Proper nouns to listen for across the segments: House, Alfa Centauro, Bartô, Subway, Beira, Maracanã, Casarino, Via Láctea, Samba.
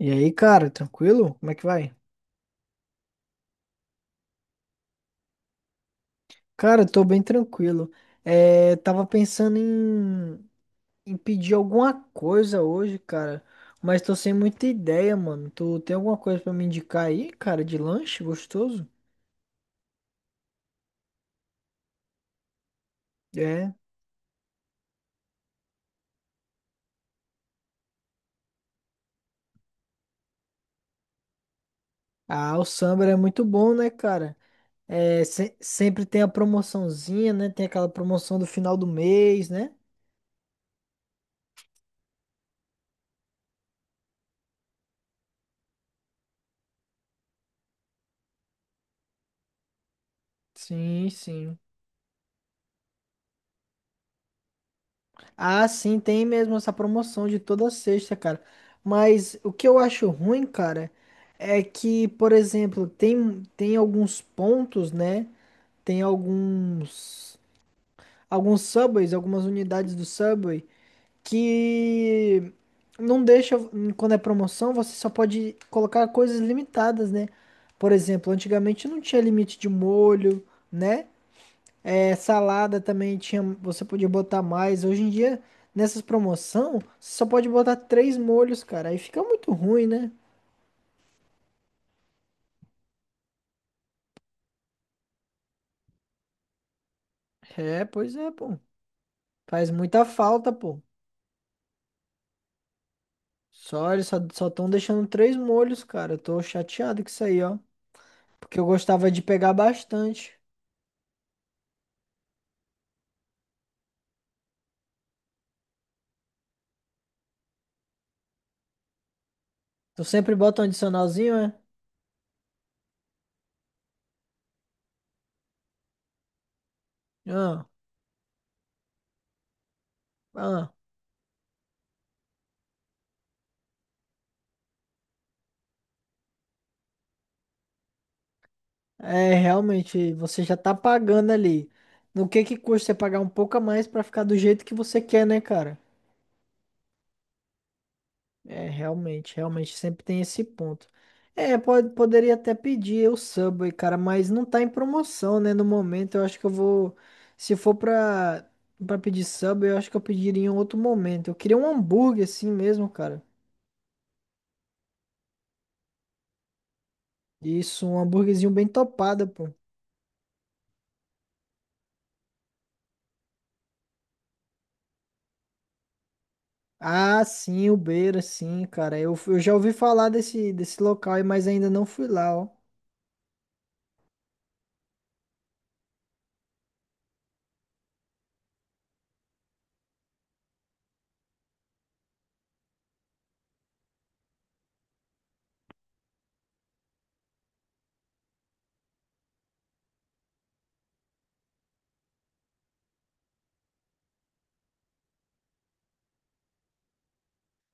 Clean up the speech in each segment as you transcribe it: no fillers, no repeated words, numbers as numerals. E aí, cara, tranquilo? Como é que vai? Cara, eu tô bem tranquilo. É, tava pensando em, em pedir alguma coisa hoje, cara, mas tô sem muita ideia, mano. Tu tem alguma coisa pra me indicar aí, cara, de lanche gostoso? É. Ah, o Samba é muito bom, né, cara? É, sempre tem a promoçãozinha, né? Tem aquela promoção do final do mês, né? Sim, sim. Ah, sim, tem mesmo essa promoção de toda sexta, cara. Mas o que eu acho ruim, cara, é que, por exemplo, tem alguns pontos, né? Tem alguns, alguns subways, algumas unidades do subway que não deixa, quando é promoção, você só pode colocar coisas limitadas, né? Por exemplo, antigamente não tinha limite de molho, né? É, salada também tinha, você podia botar mais. Hoje em dia, nessas promoção, você só pode botar três molhos, cara. Aí fica muito ruim, né? É, pois é, pô. Faz muita falta, pô. Só, eles só estão deixando três molhos, cara. Eu tô chateado com isso aí, ó. Porque eu gostava de pegar bastante. Tu sempre bota um adicionalzinho, é? Ah, ah. É, realmente, você já tá pagando ali. No que custa você pagar um pouco a mais pra ficar do jeito que você quer, né, cara? É, realmente, realmente sempre tem esse ponto. É, pode, poderia até pedir o Subway, cara, mas não tá em promoção, né? No momento, eu acho que eu vou. Se for pra, pra pedir Subway, eu acho que eu pediria em outro momento. Eu queria um hambúrguer assim mesmo, cara. Isso, um hambúrguerzinho bem topado, pô. Ah, sim, o Beira, sim, cara. Eu já ouvi falar desse, desse local, aí, mas ainda não fui lá, ó.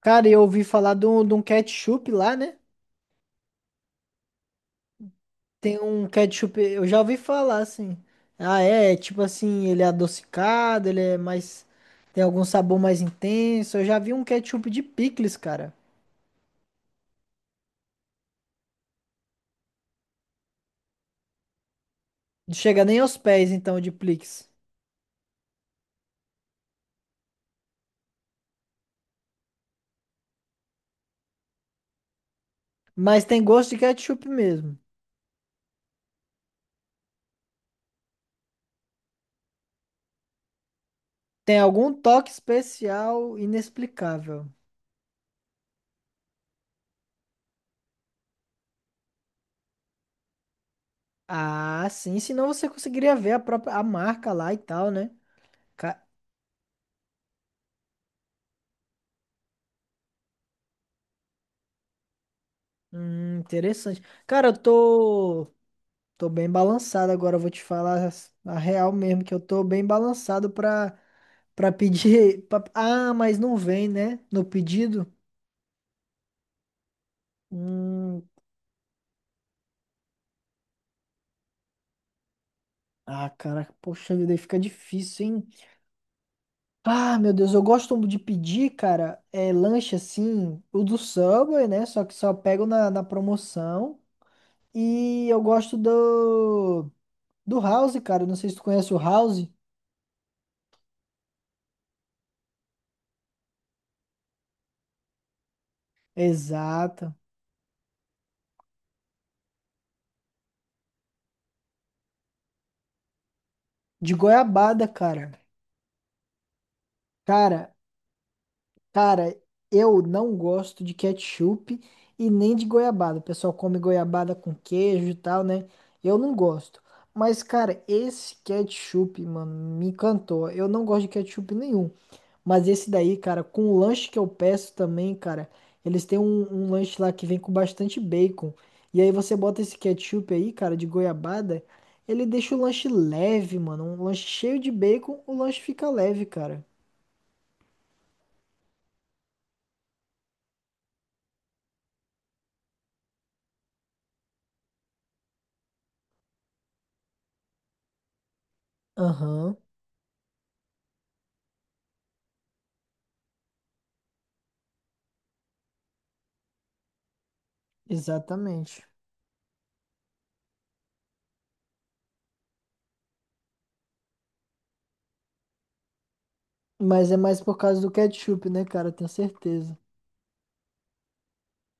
Cara, eu ouvi falar de um ketchup lá, né? Tem um ketchup, eu já ouvi falar assim. Ah, é, é tipo assim, ele é adocicado, ele é mais. Tem algum sabor mais intenso. Eu já vi um ketchup de picles, cara. Não chega nem aos pés, então, de picles. Mas tem gosto de ketchup mesmo. Tem algum toque especial inexplicável. Ah, sim, senão você conseguiria ver a própria a marca lá e tal, né? Ca- interessante. Cara, eu tô tô bem balançado agora, eu vou te falar a real mesmo, que eu tô bem balançado pra, pra pedir. Ah, mas não vem, né? No pedido. Hum, ah, cara, poxa vida, aí fica difícil, hein? Ah, meu Deus, eu gosto de pedir, cara, é, lanche assim, o do Subway, né? Só que só pego na, na promoção. E eu gosto do, do House, cara. Não sei se tu conhece o House. Exato. De goiabada, cara. Cara, Cara, eu não gosto de ketchup e nem de goiabada. O pessoal come goiabada com queijo e tal, né? Eu não gosto. Mas, cara, esse ketchup, mano, me encantou. Eu não gosto de ketchup nenhum. Mas esse daí, cara, com o lanche que eu peço também, cara, eles têm um, um lanche lá que vem com bastante bacon. E aí você bota esse ketchup aí, cara, de goiabada, ele deixa o lanche leve, mano. Um lanche cheio de bacon, o lanche fica leve, cara. Aham, exatamente. Mas é mais por causa do ketchup, né, cara? Tenho certeza.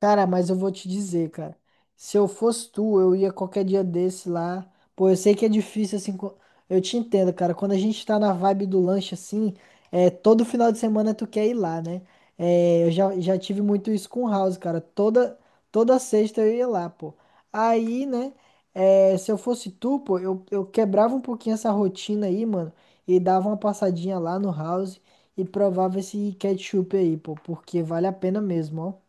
Cara, mas eu vou te dizer, cara. Se eu fosse tu, eu ia qualquer dia desse lá. Pô, eu sei que é difícil, assim. Eu te entendo, cara. Quando a gente tá na vibe do lanche, assim, é, todo final de semana tu quer ir lá, né? É, eu já, já tive muito isso com o House, cara. Toda, toda sexta eu ia lá, pô. Aí, né? É, se eu fosse tu, pô, eu quebrava um pouquinho essa rotina aí, mano. E dava uma passadinha lá no House e provava esse ketchup aí, pô. Porque vale a pena mesmo, ó.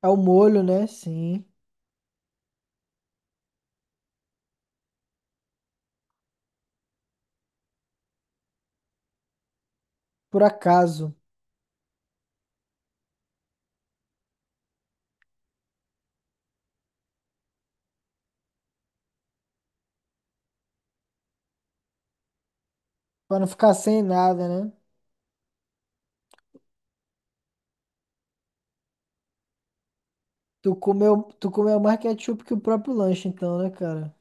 É o molho, né? Sim. Por acaso. Pra não ficar sem nada, né? Tu comeu mais ketchup que o próprio lanche, então, né, cara?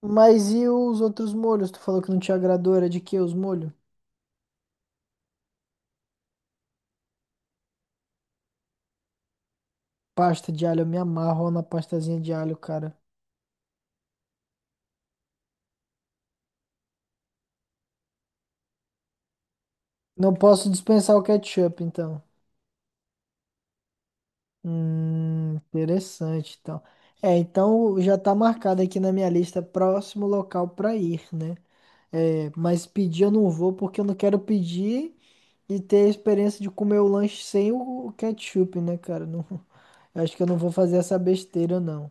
Mas e os outros molhos? Tu falou que não te agradou, era de que os molhos? Pasta de alho, eu me amarro na pastazinha de alho, cara. Não posso dispensar o ketchup, então. Interessante, então. É, então já tá marcado aqui na minha lista, próximo local pra ir, né? É, mas pedir eu não vou porque eu não quero pedir e ter a experiência de comer o lanche sem o ketchup, né, cara? Não, eu acho que eu não vou fazer essa besteira, não.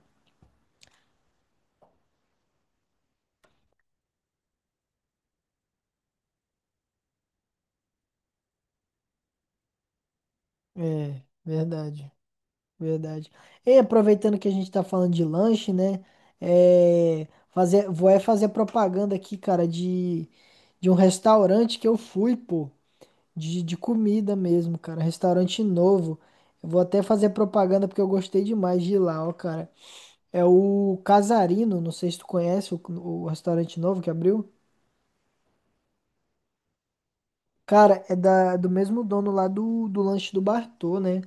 É, verdade, verdade. E aproveitando que a gente tá falando de lanche, né? É, fazer, vou é fazer propaganda aqui, cara, de um restaurante que eu fui, pô, de comida mesmo, cara. Restaurante novo. Eu vou até fazer propaganda porque eu gostei demais de ir lá, ó, cara. É o Casarino, não sei se tu conhece o restaurante novo que abriu. Cara, é da, do mesmo dono lá do, do lanche do Bartô, né?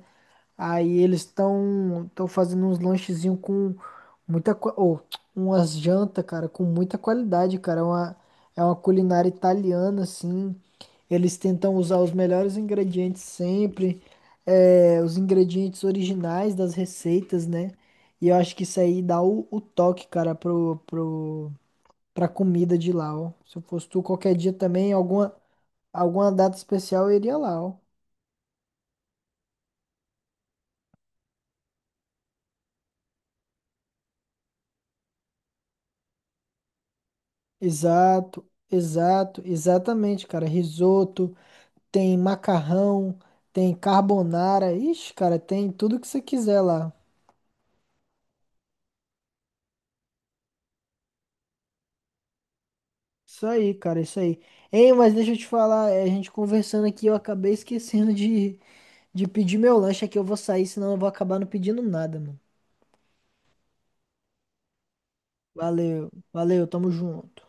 Aí eles estão fazendo uns lanchezinhos com muita ou umas jantas, cara, com muita qualidade, cara. É uma culinária italiana, assim. Eles tentam usar os melhores ingredientes sempre, é, os ingredientes originais das receitas, né? E eu acho que isso aí dá o toque, cara, pro, pro, pra comida de lá, ó. Se eu fosse tu qualquer dia também, alguma, alguma data especial eu iria lá, ó. Exato, exato, exatamente, cara. Risoto, tem macarrão, tem carbonara. Ixi, cara, tem tudo que você quiser lá. Isso aí, cara, isso aí. Ei, mas deixa eu te falar, é, a gente conversando aqui, eu acabei esquecendo de pedir meu lanche aqui. Eu vou sair, senão eu vou acabar não pedindo nada, mano. Valeu, valeu, tamo junto.